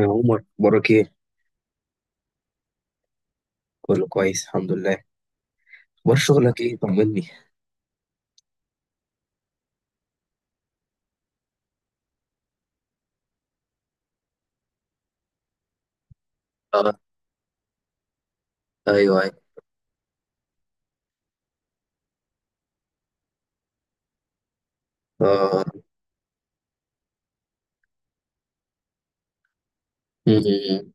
يا عمر، اخبارك ايه؟ كله كويس، الحمد لله. اخبار شغلك ايه؟ طمني. اه. ايوه، ايوه. اه. أمم.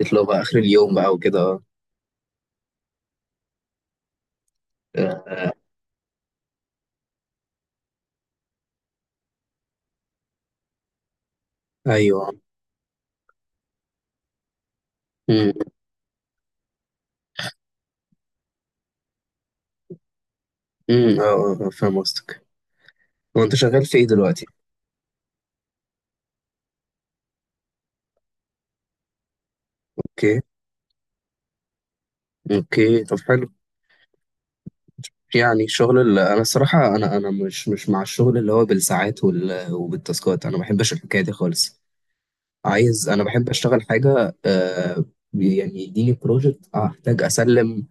تطلع بقى اخر اليوم بقى وكده، اه. آه. ايوه. أمم. أمم. اه، اه، آه، فاهم قصدك. هو انت شغال في ايه دلوقتي؟ اوكي. اوكي، طب حلو. يعني الشغل اللي انا الصراحه انا مش مع الشغل اللي هو بالساعات وبالتاسكات، انا ما بحبش الحكايه دي خالص. انا بحب اشتغل حاجه، يعني يديني بروجكت احتاج اسلم.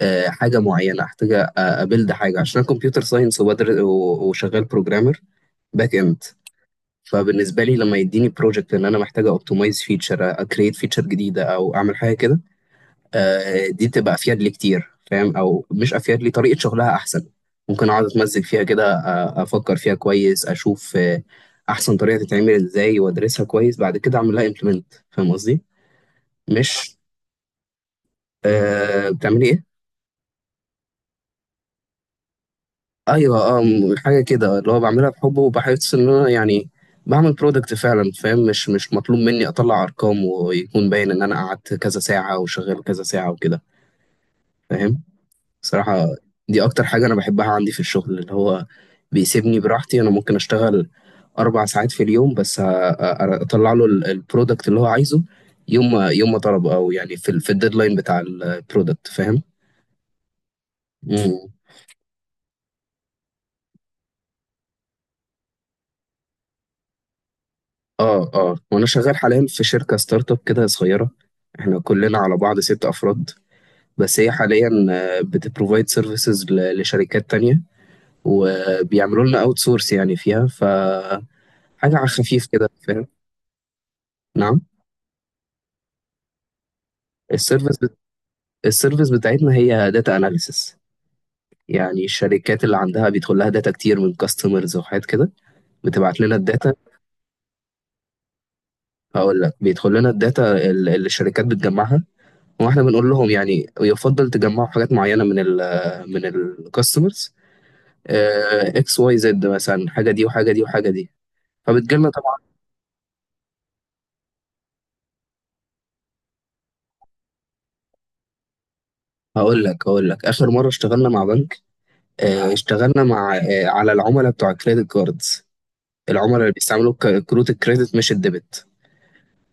حاجه معينه احتاج ابيلد حاجه عشان كمبيوتر ساينس وبدر وشغال بروجرامر. باك اند. فبالنسبه لي، لما يديني بروجكت ان انا محتاج اوبتمايز فيتشر، اكريت فيتشر جديده، او اعمل حاجه كده. دي تبقى افيد لي كتير، فاهم، او مش افيد لي، طريقه شغلها احسن. ممكن اقعد اتمزج فيها كده، افكر فيها كويس، اشوف، احسن طريقه تتعمل ازاي، وادرسها كويس، بعد كده اعمل لها امبلمنت. فاهم قصدي؟ مش، بتعملي ايه؟ ايوه، اه، حاجه كده، اللي هو بعملها بحب، وبحس ان انا يعني بعمل برودكت فعلا. فاهم؟ مش مطلوب مني اطلع ارقام ويكون باين ان انا قعدت كذا ساعه وشغال كذا ساعه وكده. فاهم؟ صراحه. دي اكتر حاجه انا بحبها عندي في الشغل، اللي هو بيسيبني براحتي. انا ممكن اشتغل 4 ساعات في اليوم بس، اطلع له البرودكت اللي هو عايزه. يوم ما طلب، او يعني في في الديدلاين بتاع البرودكت. فاهم؟ اه، اه، وانا شغال حاليا في شركه ستارت اب كده صغيره. احنا كلنا على بعض 6 افراد. بس هي حاليا بتبروفايد سيرفيسز لشركات تانية، وبيعملوا لنا اوت سورس، يعني فيها حاجه على خفيف كده. فاهم؟ نعم. السيرفيس بت... السيرفيس بتاعتنا هي داتا اناليسس. يعني الشركات اللي عندها بيدخل لها داتا كتير من كاستمرز وحاجات كده، بتبعت لنا الداتا. هقول لك، بيدخل لنا الداتا اللي الشركات بتجمعها، واحنا بنقول لهم يعني يفضل تجمعوا حاجات معينه من الكاستمرز. XYZ مثلا، حاجه دي وحاجه دي وحاجه دي، فبتجيلنا طبعا. هقول لك، اخر مره اشتغلنا مع بنك. اشتغلنا مع آه، على العملاء بتوع الكريدت كاردز. العملاء اللي بيستعملوا كروت الكريدت، مش الديبت.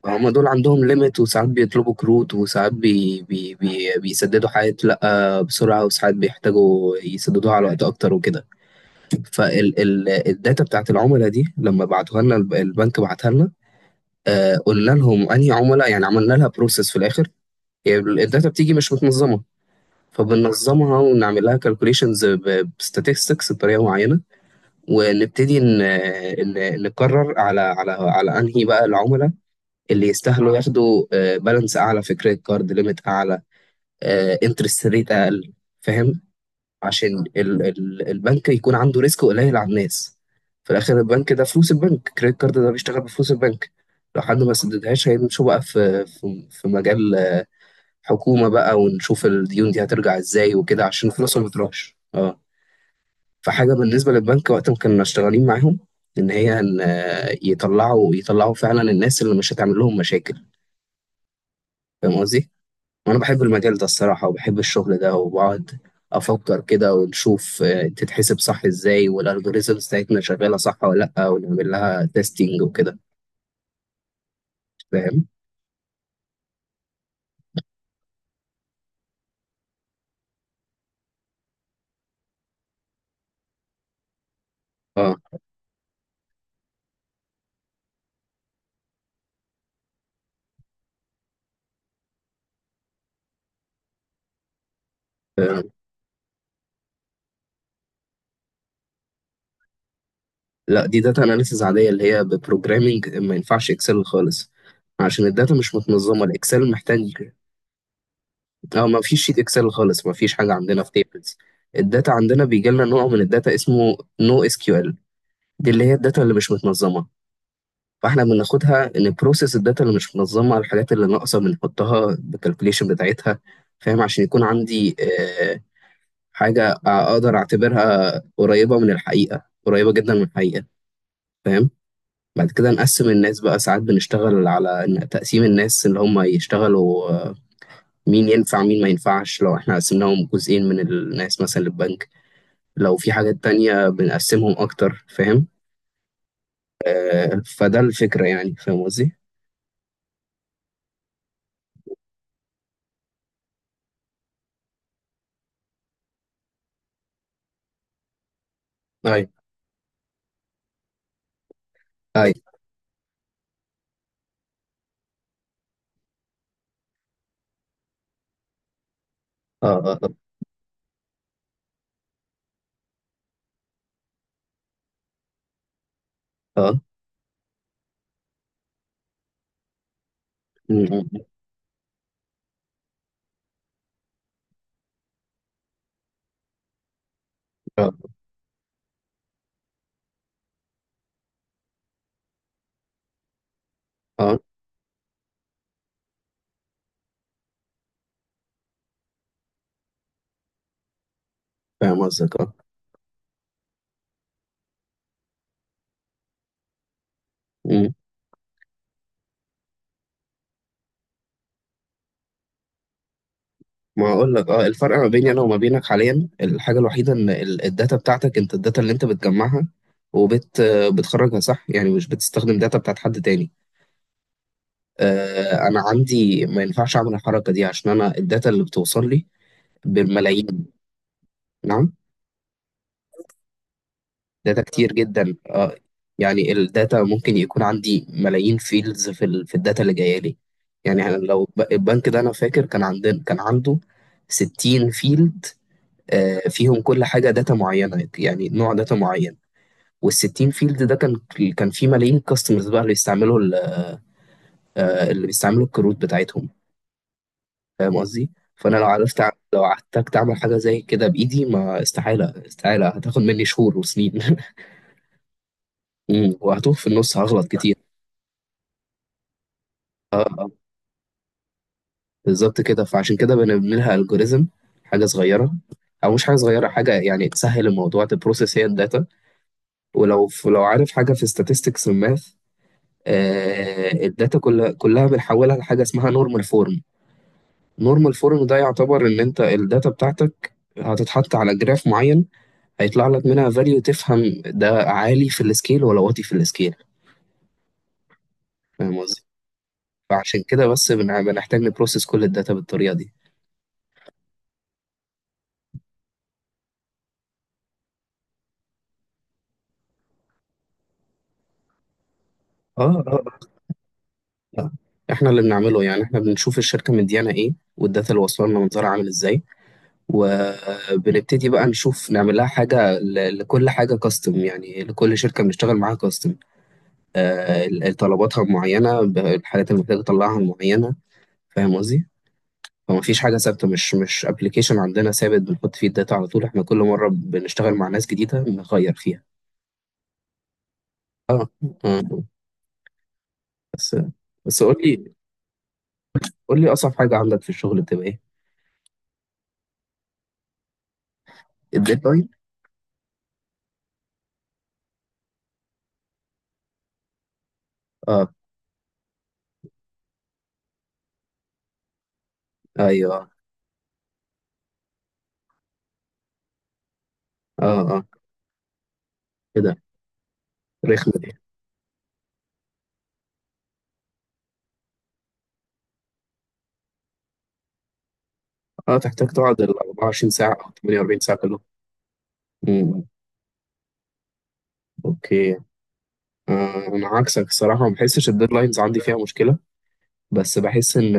فهم دول عندهم ليميت، وساعات بيطلبوا كروت، وساعات بي بي بي بيسددوا حاجات لا بسرعه، وساعات بيحتاجوا يسددوها على وقت اكتر وكده. فالداتا بتاعت العملاء دي، لما بعتوها لنا البنك بعتها لنا. قلنا لهم انهي عملاء، يعني عملنا لها بروسيس في الاخر. يعني الداتا بتيجي مش متنظمه، فبننظمها ونعمل لها كالكوليشنز بستاتستكس بطريقه معينه، ونبتدي نقرر على انهي بقى العملاء اللي يستاهلوا ياخدوا بالانس اعلى، في كريدت كارد ليميت اعلى، انترست ريت اقل. فاهم؟ عشان ال ال البنك يكون عنده ريسك قليل على الناس. في الاخر، البنك ده فلوس البنك، كريدت كارد ده بيشتغل بفلوس البنك. لو حد ما سددهاش هيمشوا بقى في مجال حكومة بقى، ونشوف الديون دي هترجع ازاي وكده، عشان فلوسهم ما تروحش، اه. فحاجة بالنسبة للبنك وقت ما كنا شغالين معاهم، ان يطلعوا فعلا الناس اللي مش هتعمل لهم مشاكل. فاهم قصدي؟ وانا بحب المجال ده الصراحة، وبحب الشغل ده، وبقعد افكر كده، ونشوف تتحسب صح ازاي، والالجوريزمز بتاعتنا شغالة صح ولا لا، ونعمل لها تيستنج وكده. فاهم؟ اه، آه، لا، دي داتا اناليسيز عادية، اللي هي ببروجرامينج، ما ينفعش اكسل خالص. عشان الداتا مش متنظمة، الاكسل محتاج. اه، ما فيش شيت اكسل خالص، ما فيش حاجة عندنا في تيبلز. الداتا عندنا بيجي لنا نوع من الداتا اسمه NoSQL، دي اللي هي الداتا اللي مش متنظمة. فاحنا بناخدها، نبروسيس الداتا اللي مش منظمه، على الحاجات اللي ناقصه بنحطها بالكالكوليشن بتاعتها. فاهم؟ عشان يكون عندي آه، حاجه اقدر اعتبرها قريبه من الحقيقه، قريبه جدا من الحقيقه. فاهم؟ بعد كده نقسم الناس بقى، ساعات بنشتغل على تقسيم الناس اللي هم يشتغلوا، مين ينفع مين ما ينفعش. لو احنا قسمناهم جزئين من الناس مثلا للبنك، لو في حاجات تانية بنقسمهم اكتر. فاهم؟ فده الفكرة يعني. فاهم قصدي؟ ايوه، ايوه، اه، اه، اه، مم. اه، اه، فاهم قصدك، اه، مم. ما اقول لك، اه، الفرق ما بيني انا وما بينك حاليا، الحاجه الوحيده ان الداتا بتاعتك، انت الداتا اللي انت بتجمعها وبت آه، بتخرجها صح يعني، مش بتستخدم داتا بتاعت حد تاني. انا عندي ما ينفعش اعمل الحركه دي، عشان انا الداتا اللي بتوصل لي بالملايين. نعم. داتا كتير جدا، اه. يعني الداتا ممكن يكون عندي ملايين فيلدز في الداتا اللي جايه لي. يعني أنا لو البنك ده انا فاكر كان عندنا، كان عنده 60 فيلد. فيهم كل حاجه، داتا معينه، يعني نوع داتا معين. وال60 فيلد ده كان، كان فيه ملايين كاستمرز بقى، اللي بيستعملوا اللي بيستعملوا الكروت بتاعتهم. فاهم قصدي؟ فانا لو احتجت اعمل حاجه زي كده بايدي، ما استحاله، استحاله هتاخد مني شهور وسنين مم، وهتوه في النص، هغلط كتير. اه، آه، بالظبط كده، فعشان كده بنعمل لها الجوريزم، حاجه صغيره. او مش حاجه صغيره، حاجه يعني تسهل الموضوع، تبروسس هي الداتا. ولو عارف حاجه في statistics الماث، الداتا كلها كلها بنحولها لحاجه اسمها نورمال فورم. نورمال فورم ده يعتبر ان انت الداتا بتاعتك هتتحط على جراف معين، هيطلع لك منها فاليو، تفهم ده عالي في السكيل ولا واطي في السكيل. فاهم قصدي؟ فعشان كده بس بنحتاج نبروسس كل الداتا بالطريقه دي. اه، اه، آه. احنا اللي بنعمله، يعني احنا بنشوف الشركه مديانا ايه، والداتا اللي واصله لنا منظرها عامل ازاي، وبنبتدي بقى نشوف نعمل لها حاجه لكل حاجه كاستم، يعني لكل شركه بنشتغل معاها كاستم. طلباتها معينة، الحاجات اللي محتاج أطلعها معينة. فاهم قصدي؟ فما فيش حاجة ثابتة، مش أبلكيشن عندنا ثابت بنحط فيه الداتا على طول. إحنا كل مرة بنشتغل مع ناس جديدة نغير فيها. آه، آه. بس، بس قول لي، قول لي أصعب حاجة عندك في الشغل بتبقى إيه؟ الديدلاين؟ آه، أيوه، آه، آه، كده. رخمة دي. تحتاج تقعد ال 24 ساعة أو 48 ساعة كلهم. مم، اوكي. انا عكسك الصراحه، ما بحسش الديدلاينز عندي فيها مشكله. بس بحس ان،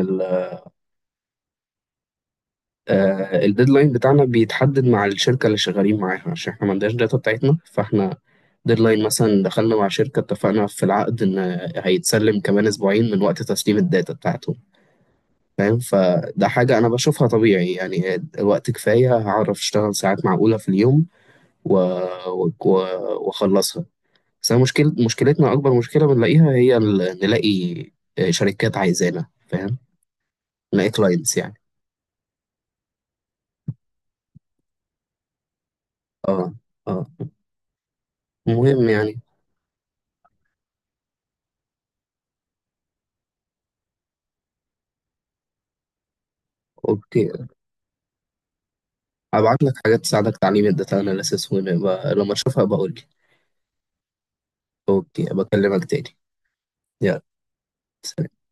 الديدلاين بتاعنا بيتحدد مع الشركة اللي شغالين معاها، عشان احنا ما عندناش داتا بتاعتنا، فاحنا ديدلاين مثلا دخلنا مع شركة، اتفقنا في العقد ان هيتسلم كمان اسبوعين من وقت تسليم الداتا بتاعتهم. فاهم؟ فده حاجة انا بشوفها طبيعي، يعني وقت كفاية هعرف اشتغل ساعات معقولة في اليوم، و... و... واخلصها. بس أنا مشكلتنا، اكبر مشكلة بنلاقيها هي نلاقي شركات عايزانا. فاهم؟ نلاقي كلاينتس يعني. اه، اه. المهم يعني. اوكي. هبعت لك حاجات تساعدك تعليم الداتا اناليسيس، ولما اشوفها بقول لك. اوكي، بكلمك تاني. يلا. سلام.